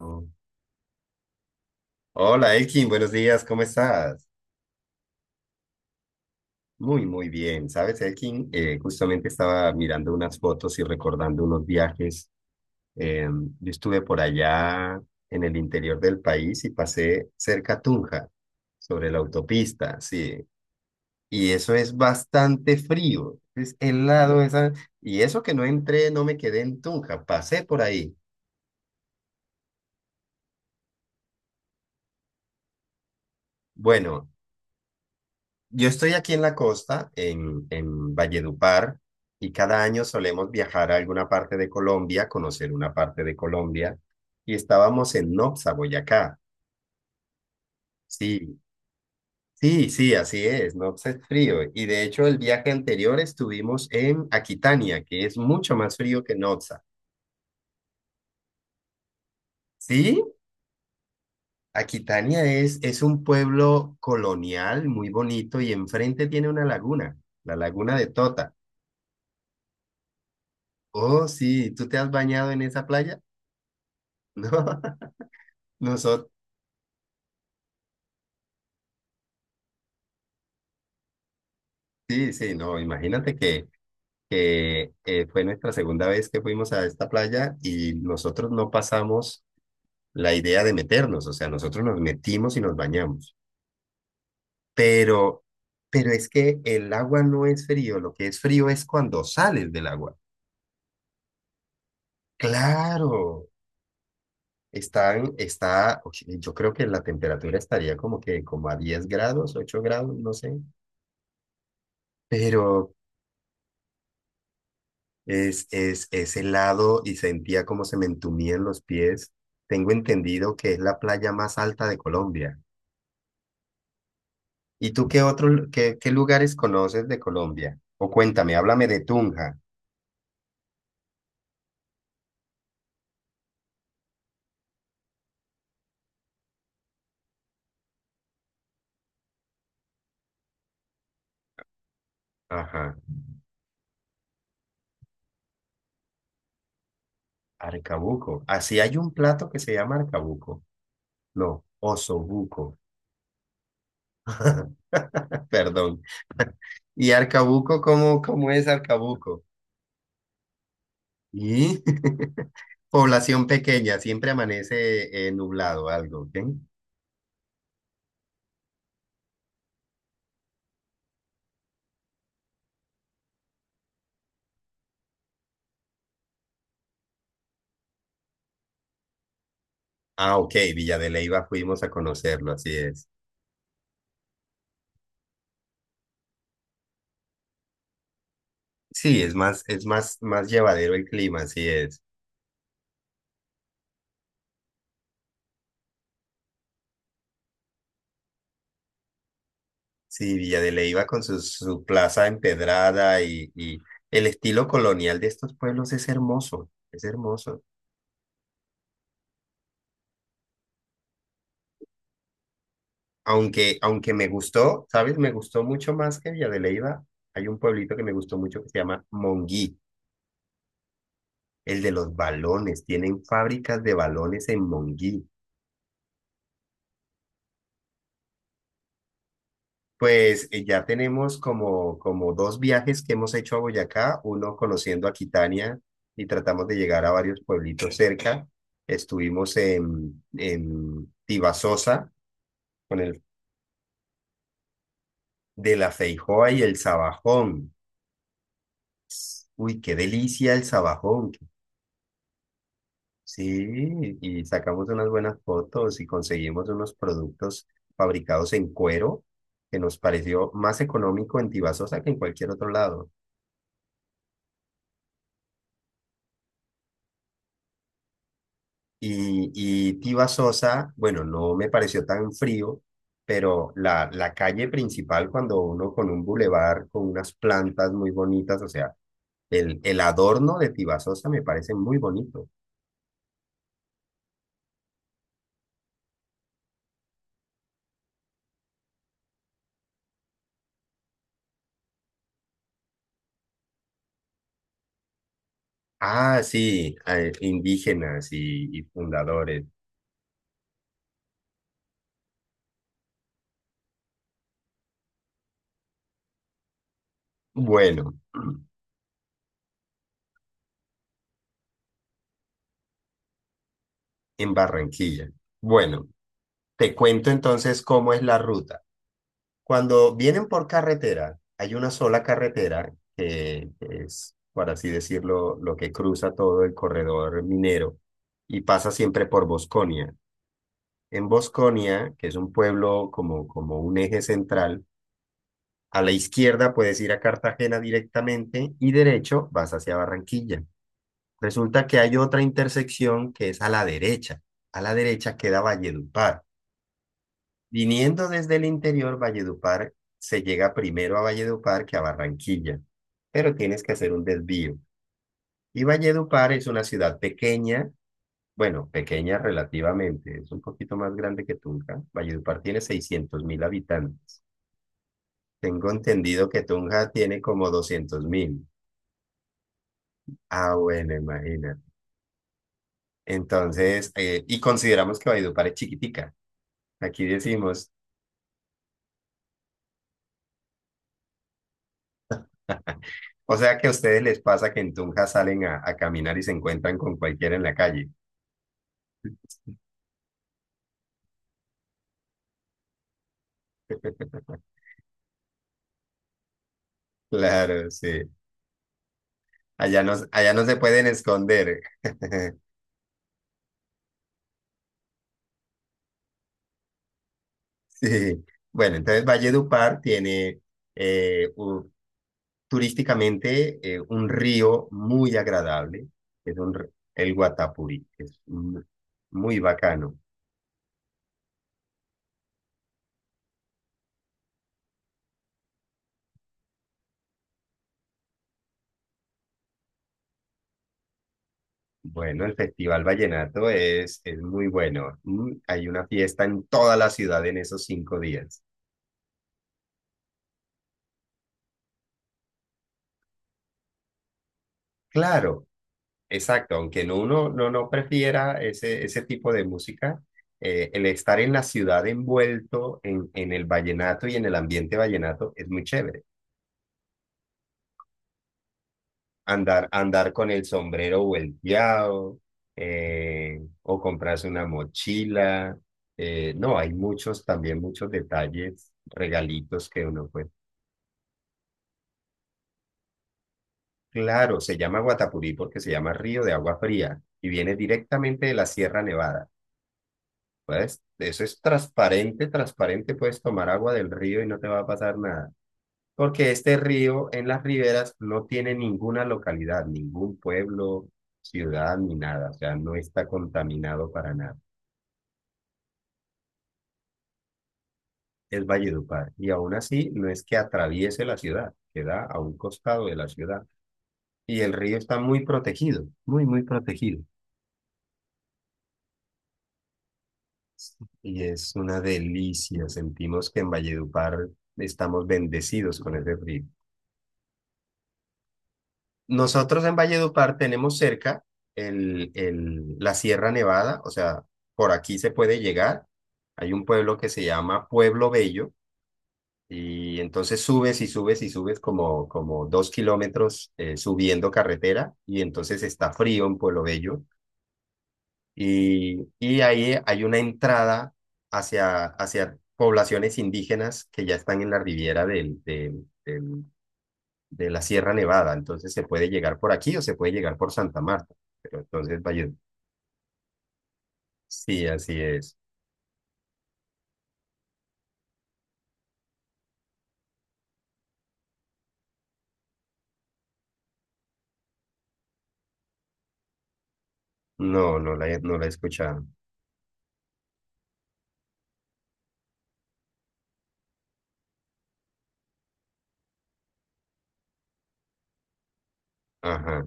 Oh. Hola Elkin, buenos días, ¿cómo estás? Muy, muy bien. ¿Sabes, Elkin? Justamente estaba mirando unas fotos y recordando unos viajes. Eh, yo estuve por allá en el interior del país y pasé cerca a Tunja, sobre la autopista, sí. Y eso es bastante frío, es helado esa. Y eso que no entré, no me quedé en Tunja, pasé por ahí. Bueno, yo estoy aquí en la costa, en Valledupar, y cada año solemos viajar a alguna parte de Colombia, conocer una parte de Colombia, y estábamos en Nopsa, Boyacá. Sí, sí, sí, así es, Nopsa es frío. Y de hecho el viaje anterior estuvimos en Aquitania, que es mucho más frío que Nopsa. Sí, Aquitania es un pueblo colonial muy bonito y enfrente tiene una laguna, la laguna de Tota. Oh, sí, ¿tú te has bañado en esa playa? No, nosotros, sí, sí, no, imagínate que fue nuestra segunda vez que fuimos a esta playa y nosotros no pasamos la idea de meternos, o sea, nosotros nos metimos y nos bañamos, pero, pero es que el agua no es frío, lo que es frío es cuando sales del agua. Claro, oye, yo creo que la temperatura estaría como que como a 10 grados, 8 grados, no sé. Pero, es helado y sentía como se me entumían los pies. Tengo entendido que es la playa más alta de Colombia. ¿Y tú qué otros, qué lugares conoces de Colombia? O cuéntame, háblame de Tunja. Ajá, Arcabuco. Así hay un plato que se llama Arcabuco. No, osobuco. Perdón. ¿Y Arcabuco, cómo es Arcabuco? Y población pequeña, siempre amanece nublado algo, ¿ok? Ah, ok, Villa de Leyva fuimos a conocerlo, así es. Sí, es más, más llevadero el clima, así es. Sí, Villa de Leyva con su, su plaza empedrada y el estilo colonial de estos pueblos es hermoso, es hermoso. Aunque, aunque me gustó, ¿sabes? Me gustó mucho más que Villa de Leyva. Hay un pueblito que me gustó mucho que se llama Monguí, el de los balones. Tienen fábricas de balones en Monguí. Pues ya tenemos como dos viajes que hemos hecho a Boyacá, uno conociendo Aquitania y tratamos de llegar a varios pueblitos cerca. Estuvimos en Tibasosa con el de la Feijoa y el Sabajón. Uy, qué delicia el Sabajón. Sí, y sacamos unas buenas fotos y conseguimos unos productos fabricados en cuero que nos pareció más económico en Tibasosa que en cualquier otro lado. Y Tiva Sosa, bueno, no me pareció tan frío, pero la calle principal, cuando uno con un bulevar, con unas plantas muy bonitas, o sea, el adorno de Tiva Sosa me parece muy bonito. Ah, sí, indígenas y fundadores. Bueno, en Barranquilla. Bueno, te cuento entonces cómo es la ruta. Cuando vienen por carretera, hay una sola carretera que es, por así decirlo, lo que cruza todo el corredor minero y pasa siempre por Bosconia. En Bosconia, que es un pueblo como, como un eje central, a la izquierda puedes ir a Cartagena directamente y derecho vas hacia Barranquilla. Resulta que hay otra intersección que es a la derecha. A la derecha queda Valledupar. Viniendo desde el interior, Valledupar, se llega primero a Valledupar que a Barranquilla, pero tienes que hacer un desvío. Y Valledupar es una ciudad pequeña, bueno, pequeña relativamente, es un poquito más grande que Tunja. Valledupar tiene 600.000 habitantes. Tengo entendido que Tunja tiene como 200.000. Ah, bueno, imagínate. Entonces, y consideramos que Valledupar es chiquitica. Aquí decimos, o sea que a ustedes les pasa que en Tunja salen a caminar y se encuentran con cualquiera en la calle. Claro, sí. Allá no se pueden esconder. Sí. Bueno, entonces Valledupar tiene eh, u- turísticamente un río muy agradable, es el Guatapurí, muy bacano. Bueno, el Festival Vallenato es muy bueno. Mm, hay una fiesta en toda la ciudad en esos 5 días. Claro. Exacto, aunque no uno no, no prefiera ese, ese tipo de música, el estar en la ciudad envuelto en el vallenato y en el ambiente vallenato es muy chévere. Andar, andar con el sombrero volteado o comprarse una mochila. No, hay muchos también, muchos detalles, regalitos que uno puede. Claro, se llama Guatapurí porque se llama río de agua fría y viene directamente de la Sierra Nevada. Puedes, eso es transparente, transparente, puedes tomar agua del río y no te va a pasar nada. Porque este río en las riberas no tiene ninguna localidad, ningún pueblo, ciudad ni nada. O sea, no está contaminado para nada. Es Valledupar. Y aún así, no es que atraviese la ciudad, queda a un costado de la ciudad. Y el río está muy protegido, muy, muy protegido. Y es una delicia. Sentimos que en Valledupar estamos bendecidos con ese río. Nosotros en Valledupar tenemos cerca la Sierra Nevada, o sea, por aquí se puede llegar. Hay un pueblo que se llama Pueblo Bello y entonces subes y subes y subes como 2 kilómetros subiendo carretera y entonces está frío en Pueblo Bello y ahí hay una entrada hacia, hacia poblaciones indígenas que ya están en la riviera del, del, del de la Sierra Nevada, entonces se puede llegar por aquí o se puede llegar por Santa Marta, pero entonces Valle, sí, así es. No, no la he escuchado. Ajá,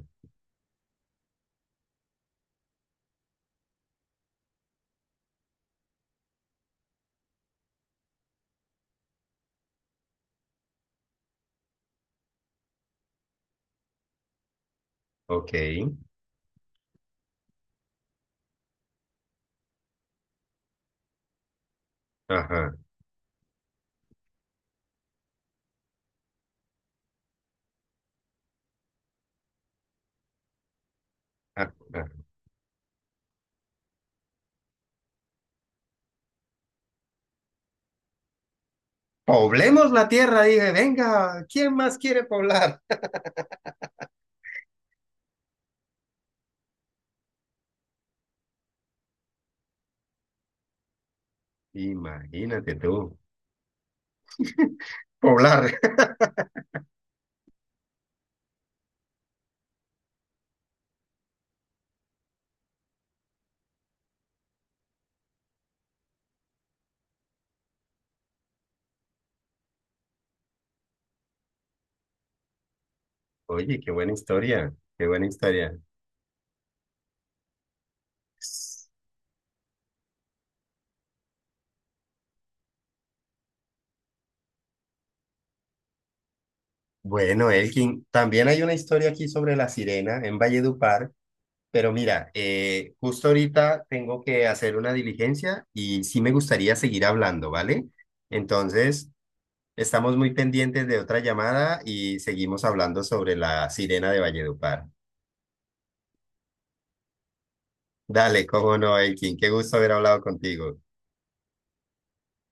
ok, ajá, ah, ah. Poblemos la tierra, dije, venga, ¿quién más quiere poblar? Imagínate tú, poblar. Oye, qué buena historia, qué buena historia. Bueno, Elkin, también hay una historia aquí sobre la sirena en Valledupar. Pero mira, justo ahorita tengo que hacer una diligencia y sí me gustaría seguir hablando, ¿vale? Entonces, estamos muy pendientes de otra llamada y seguimos hablando sobre la sirena de Valledupar. Dale, cómo no, Elkin, qué gusto haber hablado contigo.